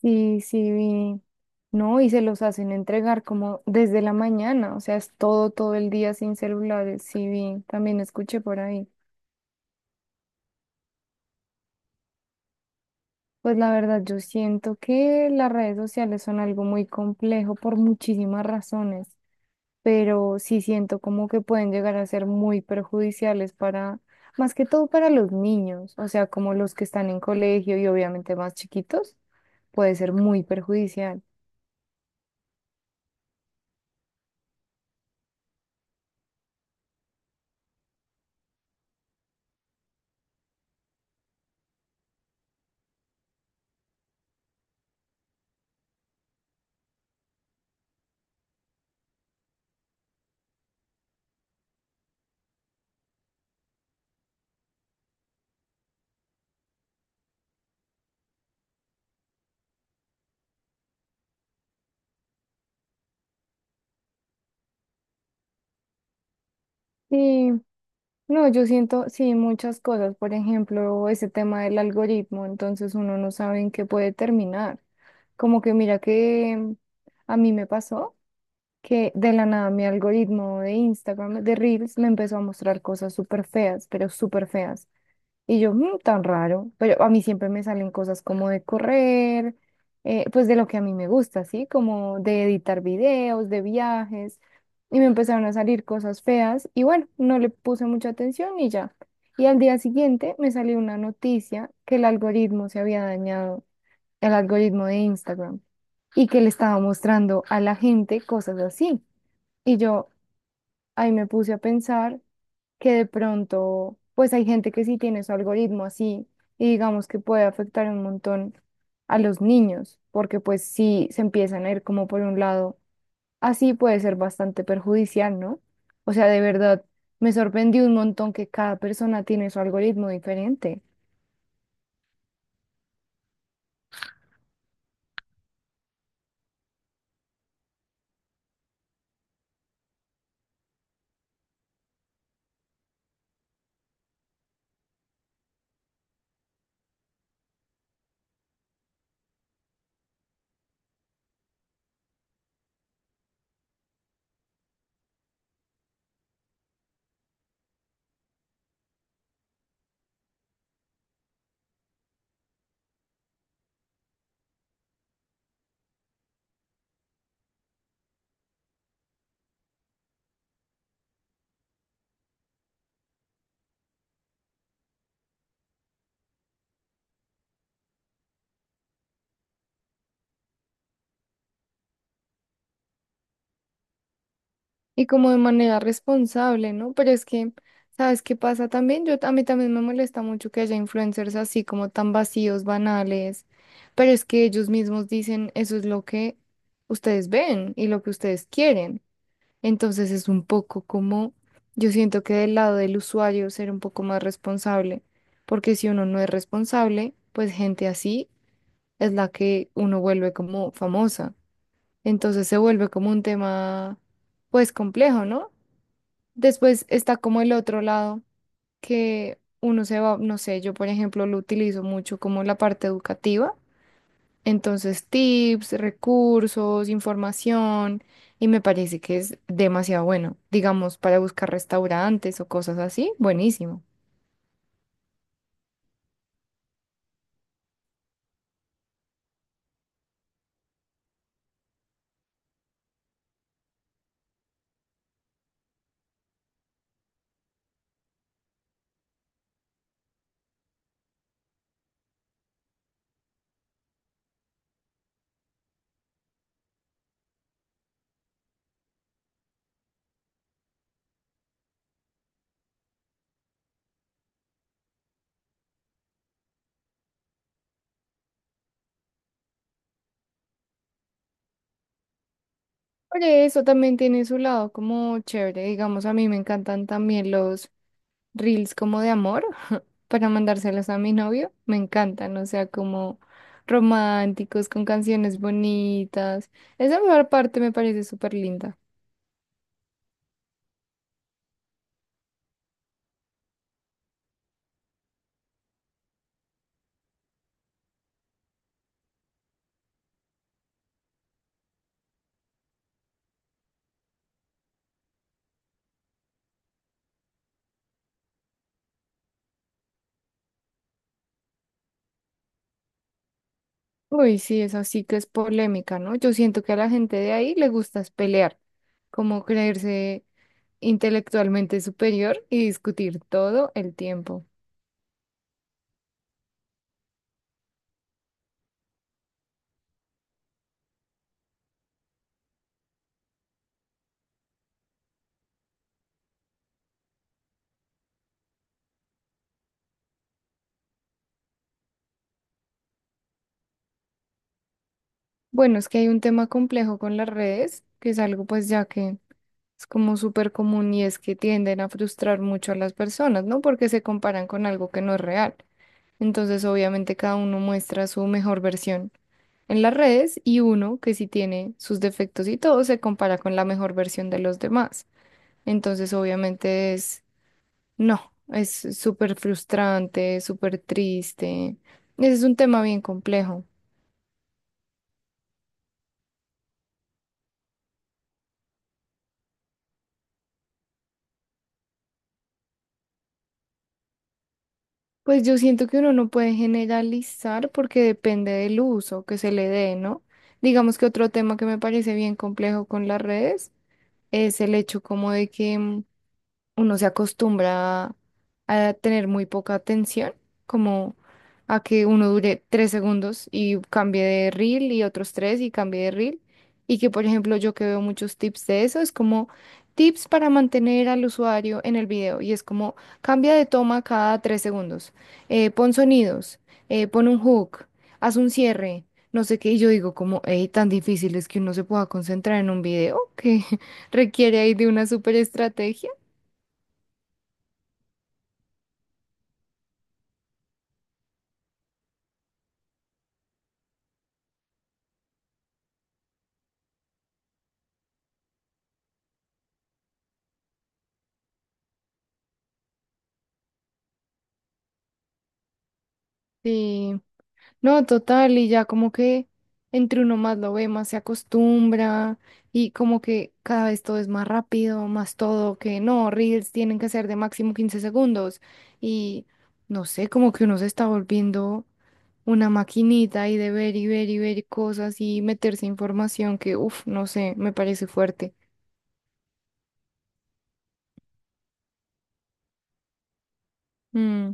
Sí, sí, vi. No, y se los hacen entregar como desde la mañana, o sea, es todo, todo el día sin celulares, sí, vi, también escuché por ahí. Pues la verdad, yo siento que las redes sociales son algo muy complejo por muchísimas razones, pero sí siento como que pueden llegar a ser muy perjudiciales para, más que todo para los niños, o sea, como los que están en colegio y obviamente más chiquitos, puede ser muy perjudicial. Sí, no, yo siento, sí, muchas cosas. Por ejemplo, ese tema del algoritmo, entonces uno no sabe en qué puede terminar. Como que mira que a mí me pasó que de la nada mi algoritmo de Instagram, de Reels, me empezó a mostrar cosas súper feas, pero súper feas. Y yo, "Mm, tan raro, pero a mí siempre me salen cosas como de correr, pues de lo que a mí me gusta, ¿sí? Como de editar videos, de viajes, y me empezaron a salir cosas feas y bueno, no le puse mucha atención y ya. Y al día siguiente me salió una noticia que el algoritmo se había dañado, el algoritmo de Instagram, y que le estaba mostrando a la gente cosas así. Y yo ahí me puse a pensar que de pronto, pues hay gente que sí tiene su algoritmo así y digamos que puede afectar un montón a los niños, porque pues si se empiezan a ir como por un lado, así puede ser bastante perjudicial, ¿no? O sea, de verdad, me sorprendió un montón que cada persona tiene su algoritmo diferente. Y como de manera responsable, ¿no? Pero es que, ¿sabes qué pasa también? Yo, a mí también me molesta mucho que haya influencers así como tan vacíos, banales, pero es que ellos mismos dicen, eso es lo que ustedes ven y lo que ustedes quieren. Entonces es un poco como, yo siento que del lado del usuario ser un poco más responsable, porque si uno no es responsable, pues gente así es la que uno vuelve como famosa. Entonces se vuelve como un tema, pues complejo, ¿no? Después está como el otro lado, que uno se va, no sé, yo por ejemplo lo utilizo mucho como la parte educativa, entonces tips, recursos, información, y me parece que es demasiado bueno, digamos, para buscar restaurantes o cosas así, buenísimo. Por eso también tiene su lado como chévere, digamos, a mí me encantan también los reels como de amor, para mandárselos a mi novio, me encantan, o sea, como románticos, con canciones bonitas. Esa mejor parte me parece súper linda. Uy, sí, esa sí que es polémica, ¿no? Yo siento que a la gente de ahí le gusta es pelear, como creerse intelectualmente superior y discutir todo el tiempo. Bueno, es que hay un tema complejo con las redes, que es algo pues ya que es como súper común y es que tienden a frustrar mucho a las personas, ¿no? Porque se comparan con algo que no es real. Entonces, obviamente, cada uno muestra su mejor versión en las redes y uno que sí tiene sus defectos y todo se compara con la mejor versión de los demás. Entonces, obviamente, es, no, es súper frustrante, súper triste. Ese es un tema bien complejo. Pues yo siento que uno no puede generalizar porque depende del uso que se le dé, ¿no? Digamos que otro tema que me parece bien complejo con las redes es el hecho como de que uno se acostumbra a tener muy poca atención, como a que uno dure 3 segundos y cambie de reel y otros tres y cambie de reel. Y que, por ejemplo, yo que veo muchos tips de eso, es como tips para mantener al usuario en el video. Y es como cambia de toma cada 3 segundos, pon sonidos, pon un hook, haz un cierre. No sé qué, y yo digo como, hey, tan difícil es que uno se pueda concentrar en un video que requiere ahí de una super estrategia. Sí, no, total, y ya como que entre uno más lo ve, más se acostumbra y como que cada vez todo es más rápido, más todo, que no, reels tienen que ser de máximo 15 segundos y no sé, como que uno se está volviendo una maquinita y de ver y ver y ver cosas y meterse información que, uff, no sé, me parece fuerte. Mm.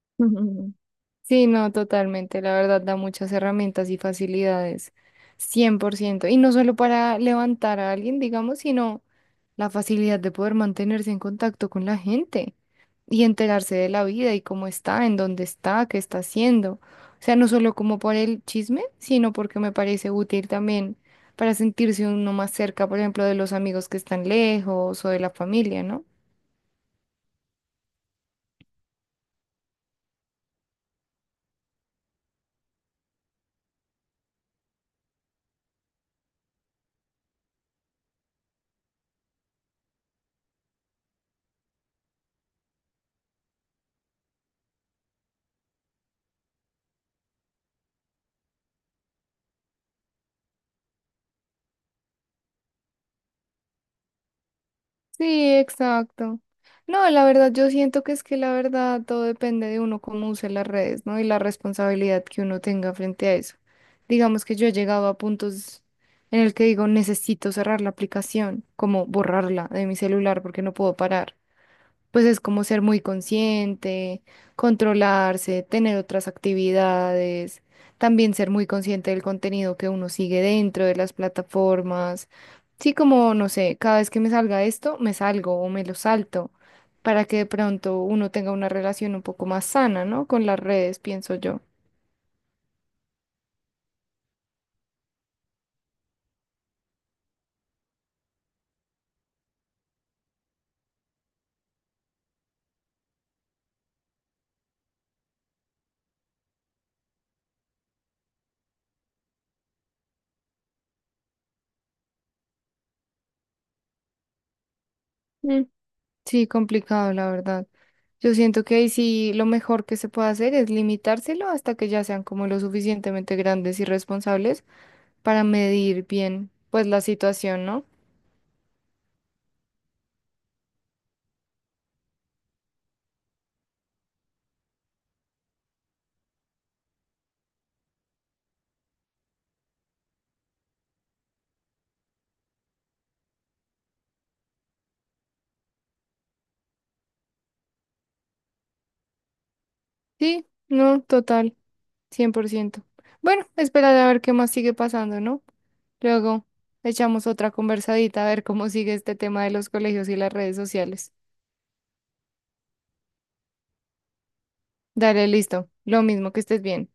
Ujú. Sí, no, totalmente. La verdad da muchas herramientas y facilidades. 100%. Y no solo para levantar a alguien, digamos, sino la facilidad de poder mantenerse en contacto con la gente y enterarse de la vida y cómo está, en dónde está, qué está haciendo. O sea, no solo como por el chisme, sino porque me parece útil también para sentirse uno más cerca, por ejemplo, de los amigos que están lejos o de la familia, ¿no? Sí, exacto. No, la verdad, yo siento que es que la verdad todo depende de uno cómo use las redes, ¿no? Y la responsabilidad que uno tenga frente a eso. Digamos que yo he llegado a puntos en el que digo, necesito cerrar la aplicación, como borrarla de mi celular porque no puedo parar. Pues es como ser muy consciente, controlarse, tener otras actividades, también ser muy consciente del contenido que uno sigue dentro de las plataformas. Sí, como, no sé, cada vez que me salga esto, me salgo o me lo salto, para que de pronto uno tenga una relación un poco más sana, ¿no? Con las redes, pienso yo. Mm, sí, complicado, la verdad. Yo siento que ahí sí lo mejor que se puede hacer es limitárselo hasta que ya sean como lo suficientemente grandes y responsables para medir bien, pues, la situación, ¿no? Sí, no, total, 100%. Bueno, esperar a ver qué más sigue pasando, ¿no? Luego echamos otra conversadita a ver cómo sigue este tema de los colegios y las redes sociales. Dale, listo. Lo mismo que estés bien.